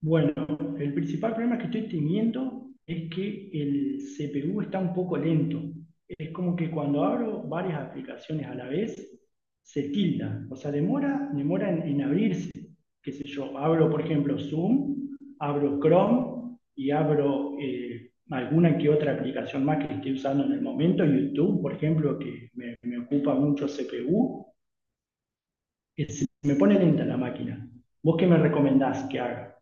Bueno, el principal problema que estoy teniendo es que el CPU está un poco lento. Es como que cuando abro varias aplicaciones a la vez, se tilda. O sea, demora en abrirse. Qué sé yo, abro, por ejemplo, Zoom, abro Chrome y abro alguna que otra aplicación más que esté usando en el momento. YouTube, por ejemplo, que me ocupa mucho CPU. Me pone lenta la máquina. ¿Vos qué me recomendás que haga?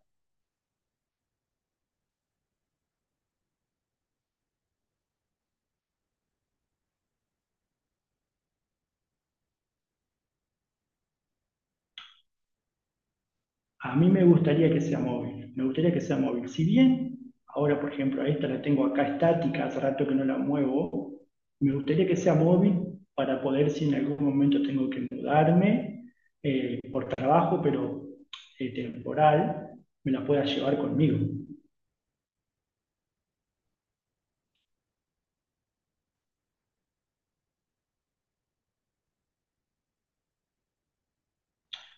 A mí me gustaría que sea móvil, me gustaría que sea móvil. Si bien ahora, por ejemplo, a esta la tengo acá estática, hace rato que no la muevo, me gustaría que sea móvil para poder, si en algún momento tengo que mudarme por trabajo, pero temporal, me la pueda llevar conmigo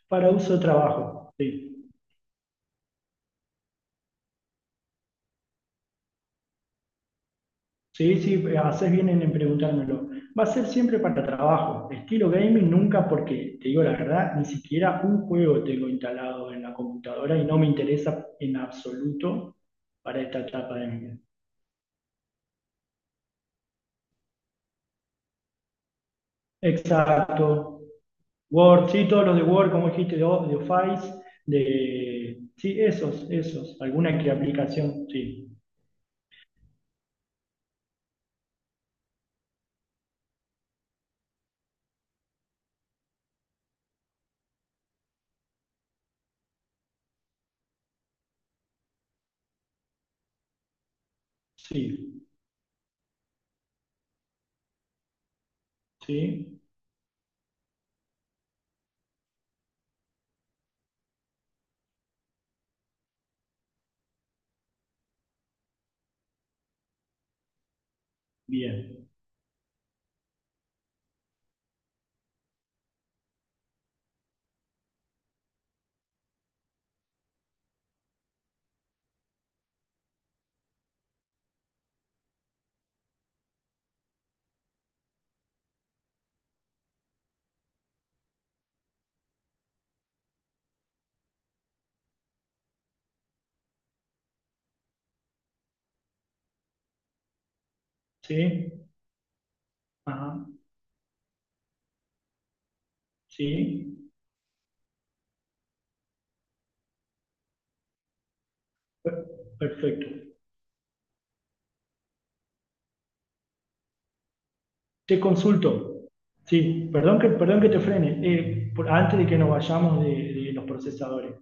para uso de trabajo. Sí. Sí, sí, haces bien en preguntármelo. Va a ser siempre para trabajo. Estilo gaming nunca porque, te digo la verdad, ni siquiera un juego tengo instalado en la computadora y no me interesa en absoluto para esta etapa de mi vida. Exacto. Word, sí, todos los de Word, como dijiste, de, de Office, de... Sí, esos, esos. Alguna que aplicación, sí. Sí, sí, bien. Sí, ajá, sí. per- Perfecto. Te consulto. Sí, perdón que te frene. Antes de que nos vayamos de los procesadores.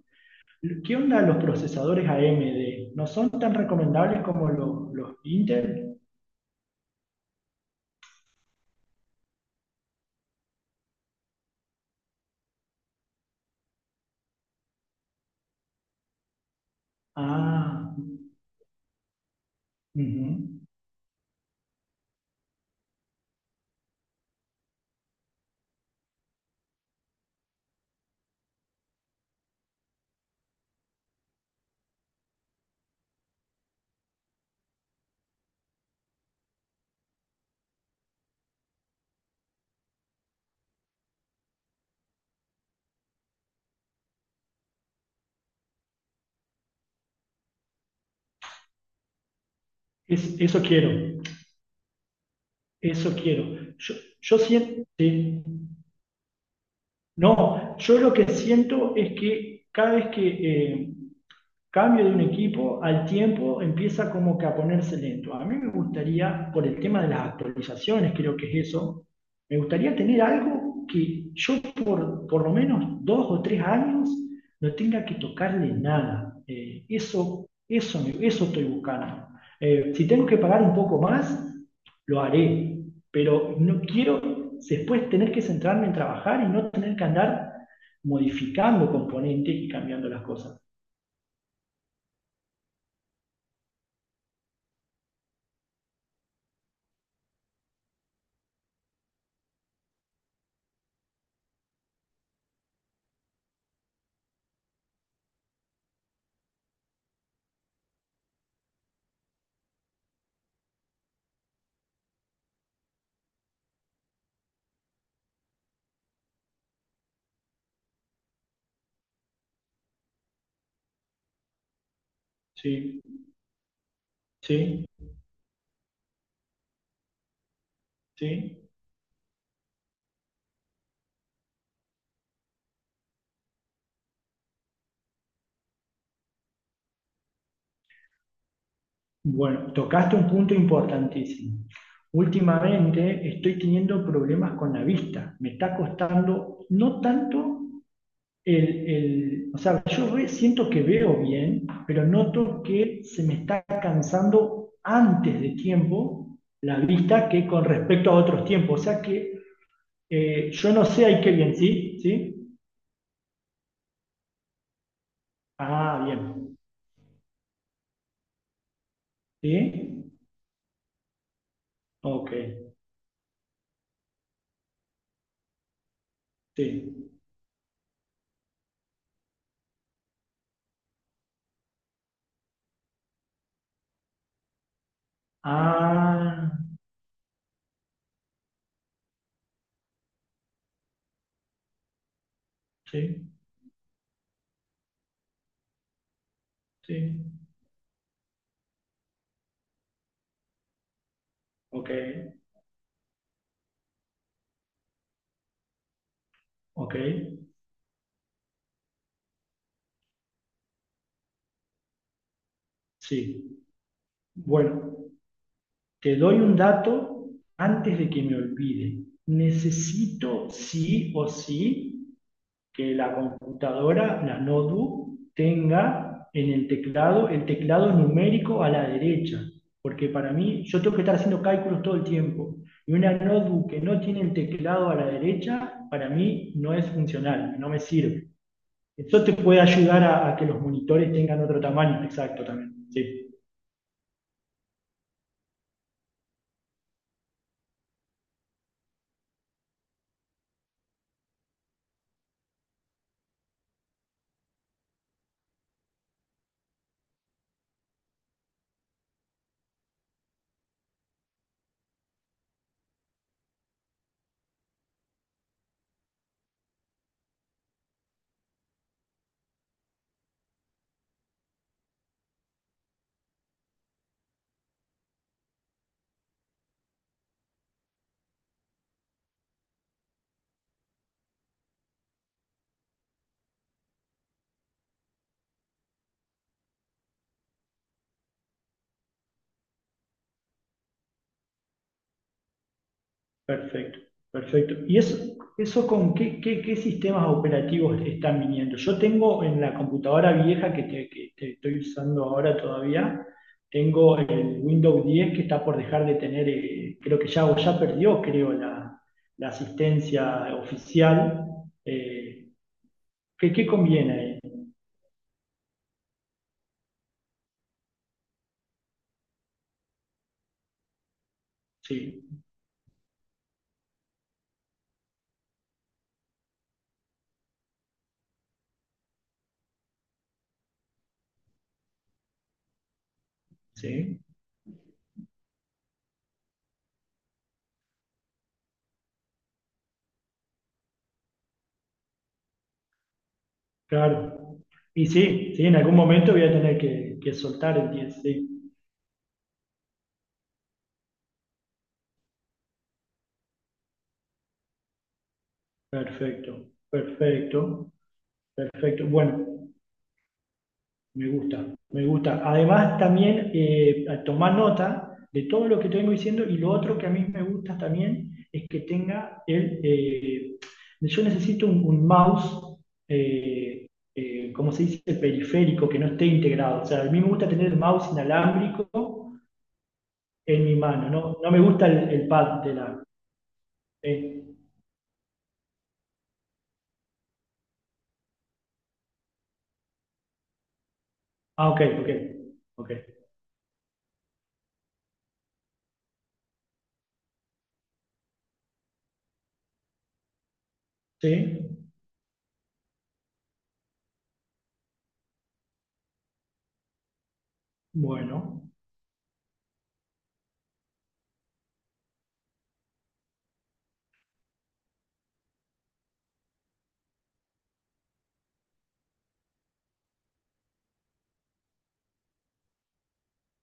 ¿Qué onda los procesadores AMD? ¿No son tan recomendables como los Intel? Ah, ujú. Eso quiero. Eso quiero. Yo siento... sí. No, yo lo que siento es que cada vez que... eh, cambio de un equipo, al tiempo empieza como que a ponerse lento. A mí me gustaría, por el tema de las actualizaciones, creo que es eso, me gustaría tener algo que yo por lo menos dos o tres años no tenga que tocarle nada. Eso estoy buscando. Si tengo que pagar un poco más, lo haré, pero no quiero después tener que centrarme en trabajar y no tener que andar modificando componentes y cambiando las cosas. Sí. Sí, sí. Bueno, tocaste un punto importantísimo. Últimamente estoy teniendo problemas con la vista. Me está costando no tanto o sea, siento que veo bien, pero noto que se me está cansando antes de tiempo la vista que con respecto a otros tiempos. O sea que yo no sé ahí qué bien, ¿sí? ¿Sí? Ah, bien. ¿Sí? Ok, sí. Ah, sí. Sí, ok, ok, sí. Bueno, te doy un dato antes de que me olvide. Necesito sí o sí que la computadora, la notebook, tenga en el teclado numérico a la derecha, porque para mí yo tengo que estar haciendo cálculos todo el tiempo. Y una notebook que no tiene el teclado a la derecha, para mí no es funcional, no me sirve. Eso te puede ayudar a que los monitores tengan otro tamaño, exacto también. Sí, perfecto, perfecto. ¿Y eso con qué, qué sistemas operativos están viniendo? Yo tengo en la computadora vieja que, que te estoy usando ahora todavía, tengo el Windows 10 que está por dejar de tener, creo que ya, o ya perdió, creo, la asistencia oficial. Eh, ¿Qué, qué conviene ahí? Sí, sí. Claro. Y sí, sí, en algún momento voy a tener que soltar el 10 sí. Perfecto, perfecto, perfecto. Bueno, me gusta, me gusta. Además, también a tomar nota de todo lo que te diciendo y lo otro que a mí me gusta también es que tenga el... yo necesito un mouse, eh, ¿cómo se dice? Periférico, que no esté integrado. O sea, a mí me gusta tener el mouse inalámbrico en mi mano, no, no me gusta el pad de la, Sí. Ah, ok, ok, ok. Sí, bueno,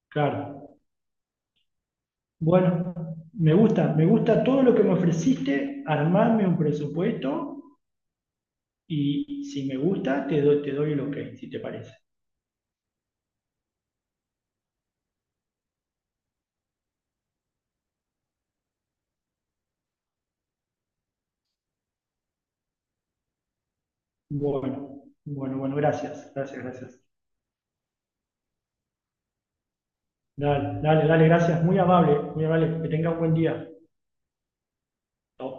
claro. Bueno, me gusta todo lo que me ofreciste, armarme un presupuesto y si me gusta, te doy el ok, si te parece. Bueno, bueno, bueno, gracias, gracias, gracias. Dale, dale, dale, gracias, muy amable, que tengas un buen día. Chao.